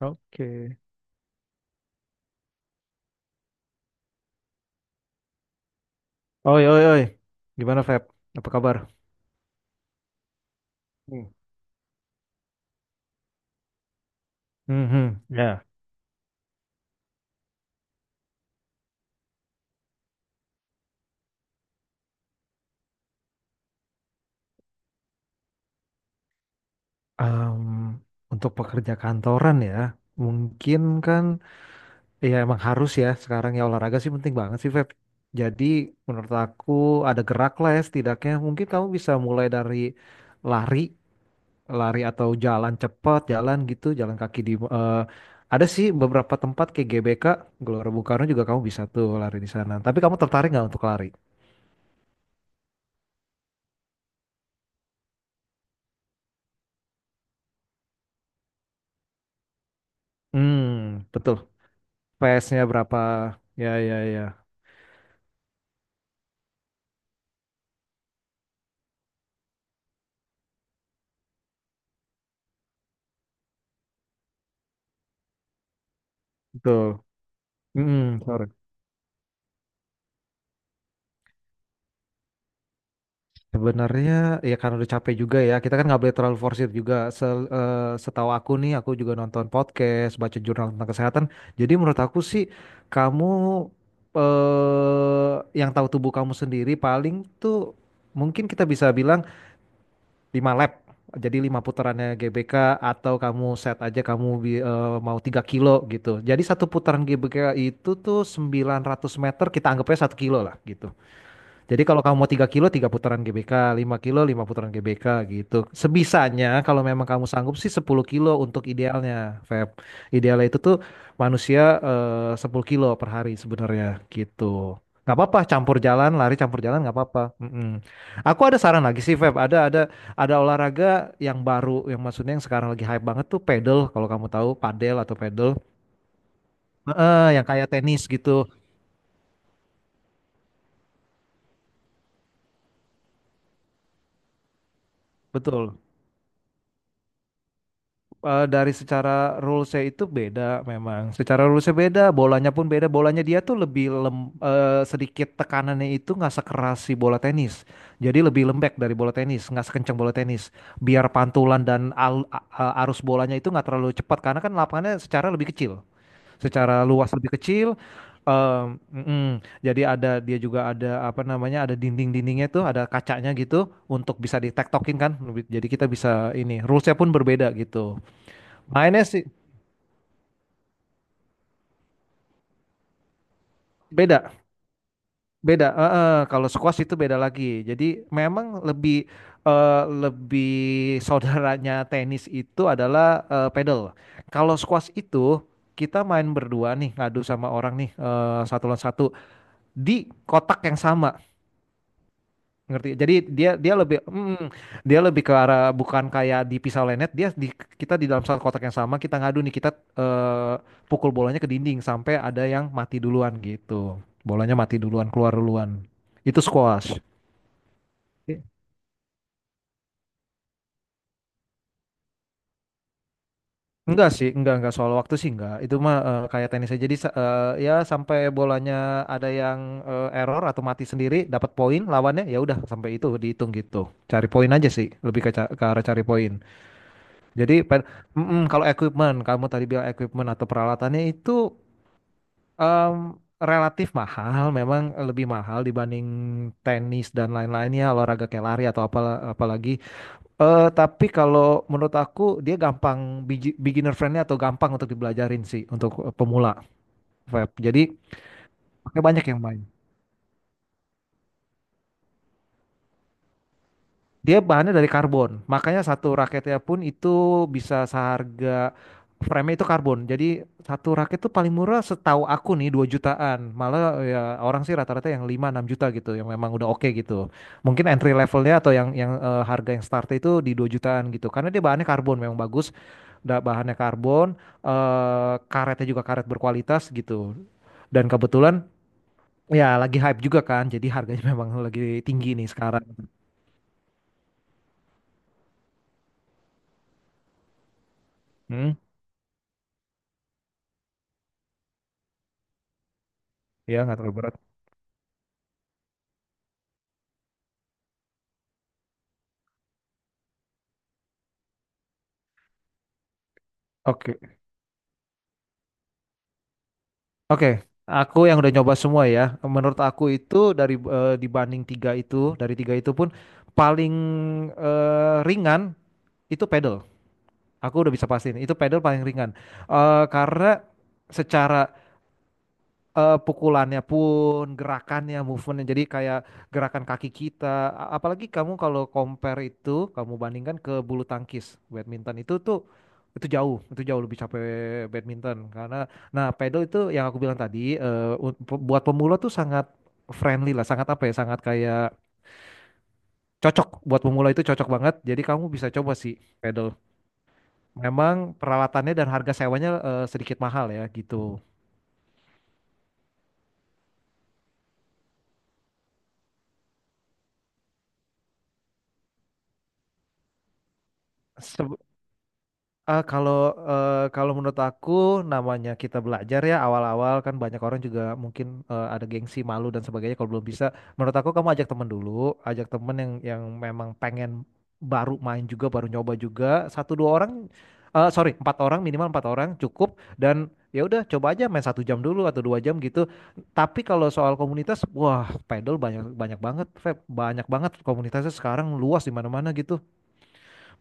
Oke. Oi, oi, oi. Gimana, Feb? Apa kabar? Hmm. Mhm. Ya. Em, untuk pekerja kantoran ya, mungkin kan ya emang harus ya sekarang ya olahraga sih penting banget sih, Feb. Jadi menurut aku ada gerak lah ya setidaknya. Mungkin kamu bisa mulai dari lari, lari atau jalan cepat, jalan gitu, jalan kaki ada sih beberapa tempat kayak GBK, Gelora Bung Karno juga kamu bisa tuh lari di sana. Tapi kamu tertarik nggak untuk lari? Hmm, betul. PS-nya berapa? Ya, ya, ya. Betul. Mm-mm, sorry. Sebenarnya ya karena udah capek juga ya. Kita kan nggak boleh terlalu forsir juga. Setahu aku nih, aku juga nonton podcast, baca jurnal tentang kesehatan. Jadi menurut aku sih, kamu eh, yang tahu tubuh kamu sendiri paling tuh mungkin kita bisa bilang 5 lap. Jadi 5 putarannya GBK atau kamu set aja kamu mau 3 kilo gitu. Jadi satu putaran GBK itu tuh 900 meter, kita anggapnya 1 kilo lah gitu. Jadi kalau kamu mau 3 kilo, 3 putaran GBK, 5 kilo, 5 putaran GBK gitu. Sebisanya kalau memang kamu sanggup sih 10 kilo untuk idealnya, Feb. Idealnya itu tuh manusia 10 kilo per hari sebenarnya gitu. Nggak apa-apa, campur jalan, lari campur jalan nggak apa-apa. Mm-mm. Aku ada saran lagi sih, Feb. Ada olahraga yang baru, yang maksudnya yang sekarang lagi hype banget tuh pedal. Kalau kamu tahu, padel atau pedal, yang kayak tenis gitu. Betul. Dari secara rulesnya itu beda memang. Secara rulesnya beda, bolanya pun beda. Bolanya dia tuh lebih sedikit, tekanannya itu nggak sekeras si bola tenis. Jadi lebih lembek dari bola tenis, nggak sekencang bola tenis. Biar pantulan dan arus bolanya itu nggak terlalu cepat karena kan lapangannya secara lebih kecil, secara luas lebih kecil. Mm-mm. Jadi ada dia juga, ada apa namanya, ada dinding-dindingnya tuh, ada kacanya gitu untuk bisa ditektokin kan. Jadi kita bisa ini, rulesnya pun berbeda gitu. Mainnya sih beda, beda. Heeh, kalau squash itu beda lagi. Jadi memang lebih saudaranya tenis itu adalah pedal. Kalau squash itu kita main berdua nih, ngadu sama orang nih, satu lawan satu di kotak yang sama. Ngerti, jadi dia dia lebih mm, dia lebih ke arah bukan kayak di pisau lenet, dia di kita di dalam satu kotak yang sama, kita ngadu nih, kita eh, pukul bolanya ke dinding sampai ada yang mati duluan, gitu, bolanya mati duluan, keluar duluan, itu squash. I- enggak sih, enggak soal waktu sih, enggak, itu mah kayak tenis aja, jadi ya sampai bolanya ada yang error atau mati sendiri, dapat poin lawannya, ya udah, sampai itu dihitung gitu, cari poin aja sih, lebih ke arah cari poin. Jadi pen- Mm-mm, kalau equipment, kamu tadi bilang equipment atau peralatannya itu em, relatif mahal, memang lebih mahal dibanding tenis dan lain-lainnya, olahraga kayak lari atau apa apalagi. Tapi kalau menurut aku dia gampang, beginner friendly atau gampang untuk dibelajarin sih untuk pemula, Feb. Jadi pakai banyak yang main. Dia bahannya dari karbon, makanya satu raketnya pun itu bisa seharga frame itu karbon. Jadi satu raket tuh paling murah setahu aku nih 2 jutaan. Malah ya, orang sih rata-rata yang 5 6 juta gitu yang memang udah oke gitu. Mungkin entry levelnya atau harga yang start itu di 2 jutaan gitu. Karena dia bahannya karbon memang bagus, bahannya karbon, karetnya juga karet berkualitas gitu. Dan kebetulan ya lagi hype juga kan. Jadi harganya memang lagi tinggi nih sekarang. Hmm, ya nggak terlalu berat. Oke. Oke, aku yang udah nyoba semua ya. Menurut aku itu dibanding tiga itu, dari tiga itu pun paling ringan itu pedal. Aku udah bisa pastiin itu pedal paling ringan. Karena secara pukulannya pun, gerakannya, movementnya. Jadi kayak gerakan kaki kita. Apalagi kamu kalau compare itu, kamu bandingkan ke bulu tangkis, badminton itu tuh itu jauh lebih capek badminton nah, pedal itu yang aku bilang tadi, buat pemula tuh sangat friendly lah, sangat apa ya, sangat kayak cocok buat pemula, itu cocok banget. Jadi kamu bisa coba sih pedal. Memang peralatannya dan harga sewanya sedikit mahal ya gitu. Ah, kalau menurut aku, namanya kita belajar ya, awal-awal kan banyak orang juga mungkin ada gengsi, malu, dan sebagainya kalau belum bisa. Menurut aku, kamu ajak temen dulu, ajak temen yang memang pengen baru main juga, baru nyoba juga, satu dua orang, eh, sorry, empat orang, minimal empat orang cukup, dan ya udah, coba aja main 1 jam dulu atau 2 jam gitu. Tapi kalau soal komunitas, wah, pedal banyak, banyak banget, Feb. Banyak banget komunitasnya sekarang, luas di mana-mana gitu,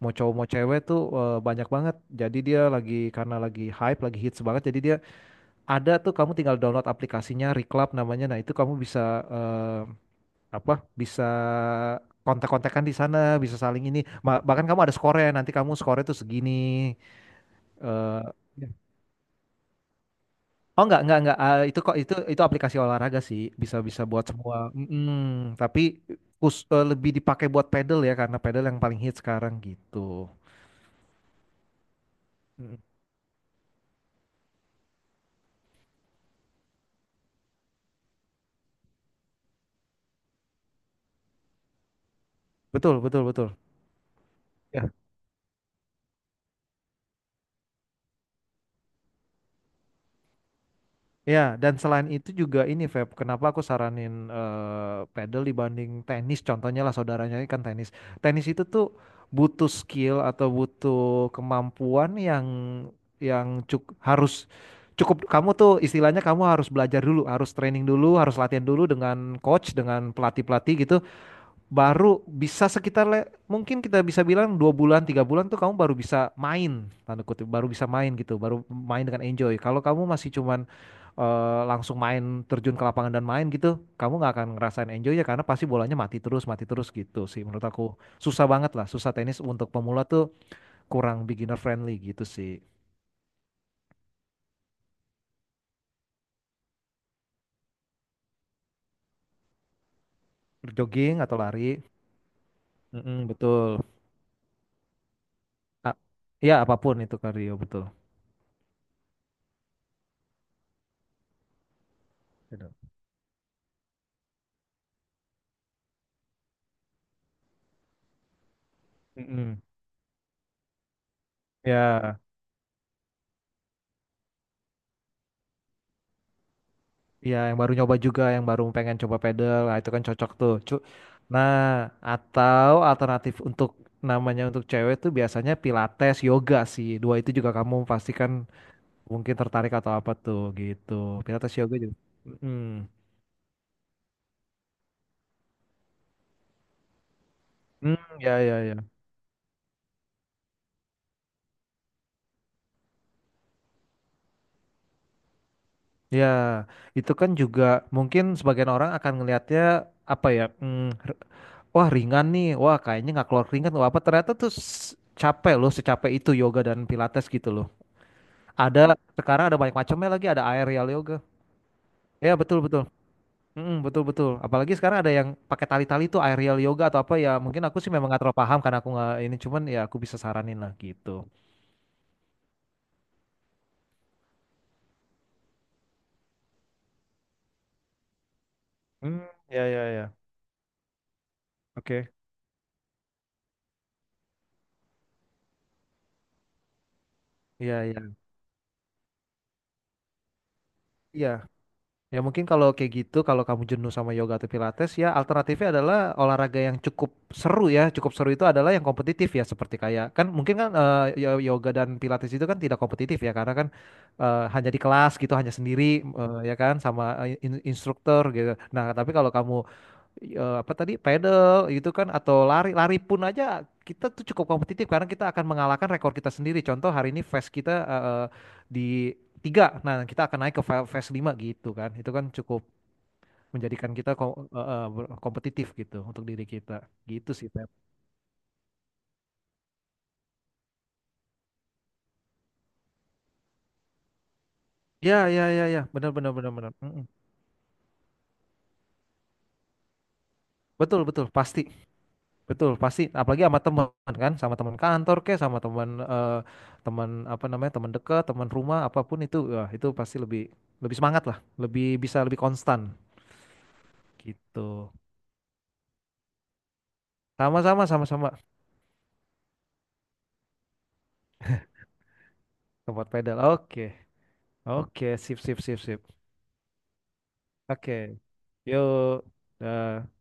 mau cowok mau cewek tuh banyak banget. Jadi dia lagi, karena lagi hype, lagi hits banget. Jadi dia ada tuh, kamu tinggal download aplikasinya, Reclub namanya. Nah, itu kamu bisa eh, apa? Bisa kontak-kontakan di sana, bisa saling ini. Bahkan kamu ada skornya, nanti kamu skornya tuh segini. Eh, Ya. Oh, enggak, enggak. Ah, itu kok itu aplikasi olahraga sih, bisa-bisa buat semua. Mm-mm. Tapi lebih dipakai buat pedal ya, karena pedal yang paling hits sekarang gitu. Mm. Betul, betul, betul. Ya. Ya, dan selain itu juga ini, Feb, kenapa aku saranin pedal dibanding tenis? Contohnya lah, saudaranya ini kan tenis. Tenis itu tuh butuh skill atau butuh kemampuan yang harus cukup, kamu tuh istilahnya kamu harus belajar dulu, harus training dulu, harus latihan dulu dengan coach, dengan pelatih-pelatih gitu, baru bisa sekitar, mungkin kita bisa bilang 2 bulan, 3 bulan tuh kamu baru bisa main, tanda kutip, baru bisa main gitu, baru main dengan enjoy. Kalau kamu masih cuman langsung main, terjun ke lapangan dan main gitu, kamu nggak akan ngerasain enjoy, ya karena pasti bolanya mati terus gitu sih. Menurut aku susah banget lah, susah tenis untuk pemula tuh, kurang beginner friendly gitu sih. Jogging atau lari. Mm-mm, betul. A- Ya apapun itu kardio, betul. Gitu. Mm-mm. Ya, ya yang baru nyoba juga, yang baru pengen coba pedal, nah, itu kan cocok tuh. Nah, atau alternatif untuk namanya untuk cewek tuh biasanya pilates, yoga sih. Dua itu juga kamu pastikan mungkin tertarik atau apa tuh gitu. Pilates, yoga juga. Hmm. Hmm, ya ya ya. Ya, itu kan juga mungkin sebagian orang akan ngelihatnya apa ya? R- Wah, ringan nih. Wah, kayaknya nggak keluar keringat atau apa. Ternyata tuh capek loh, secapek itu yoga dan pilates gitu loh. Ada, sekarang ada banyak macamnya lagi, ada aerial yoga. Ya, betul betul. Mm, betul betul. Apalagi sekarang ada yang pakai tali-tali tuh, aerial yoga atau apa ya. Mungkin aku sih memang nggak terlalu paham karena aku nggak ini, cuman ya aku bisa saranin lah gitu. Hmm, ya ya ya. Oke. Iya, iya. Iya. Ya mungkin kalau kayak gitu, kalau kamu jenuh sama yoga atau pilates, ya alternatifnya adalah olahraga yang cukup seru ya. Cukup seru itu adalah yang kompetitif ya, seperti kayak kan mungkin kan, yoga dan pilates itu kan tidak kompetitif ya, karena kan hanya di kelas gitu, hanya sendiri, ya kan, sama instruktur gitu. Nah, tapi kalau kamu apa tadi, pedal gitu kan, atau lari, lari pun aja kita tuh cukup kompetitif karena kita akan mengalahkan rekor kita sendiri. Contoh hari ini fast kita di tiga, nah kita akan naik ke fast 5 gitu kan, itu kan cukup menjadikan kita kompetitif gitu untuk diri kita gitu sih, Pep. Ya ya ya ya, benar benar benar benar. Mm-mm. Betul betul pasti. Betul, pasti apalagi sama teman kan, sama teman kantor kek, sama teman apa namanya, teman dekat, teman rumah, apapun itu, wah, itu pasti lebih lebih semangat lah, lebih bisa lebih konstan gitu. Sama-sama, sama-sama, tempat pedal. Oke, oke, sip, sip, sip, sip. Oke, yuk. Dah.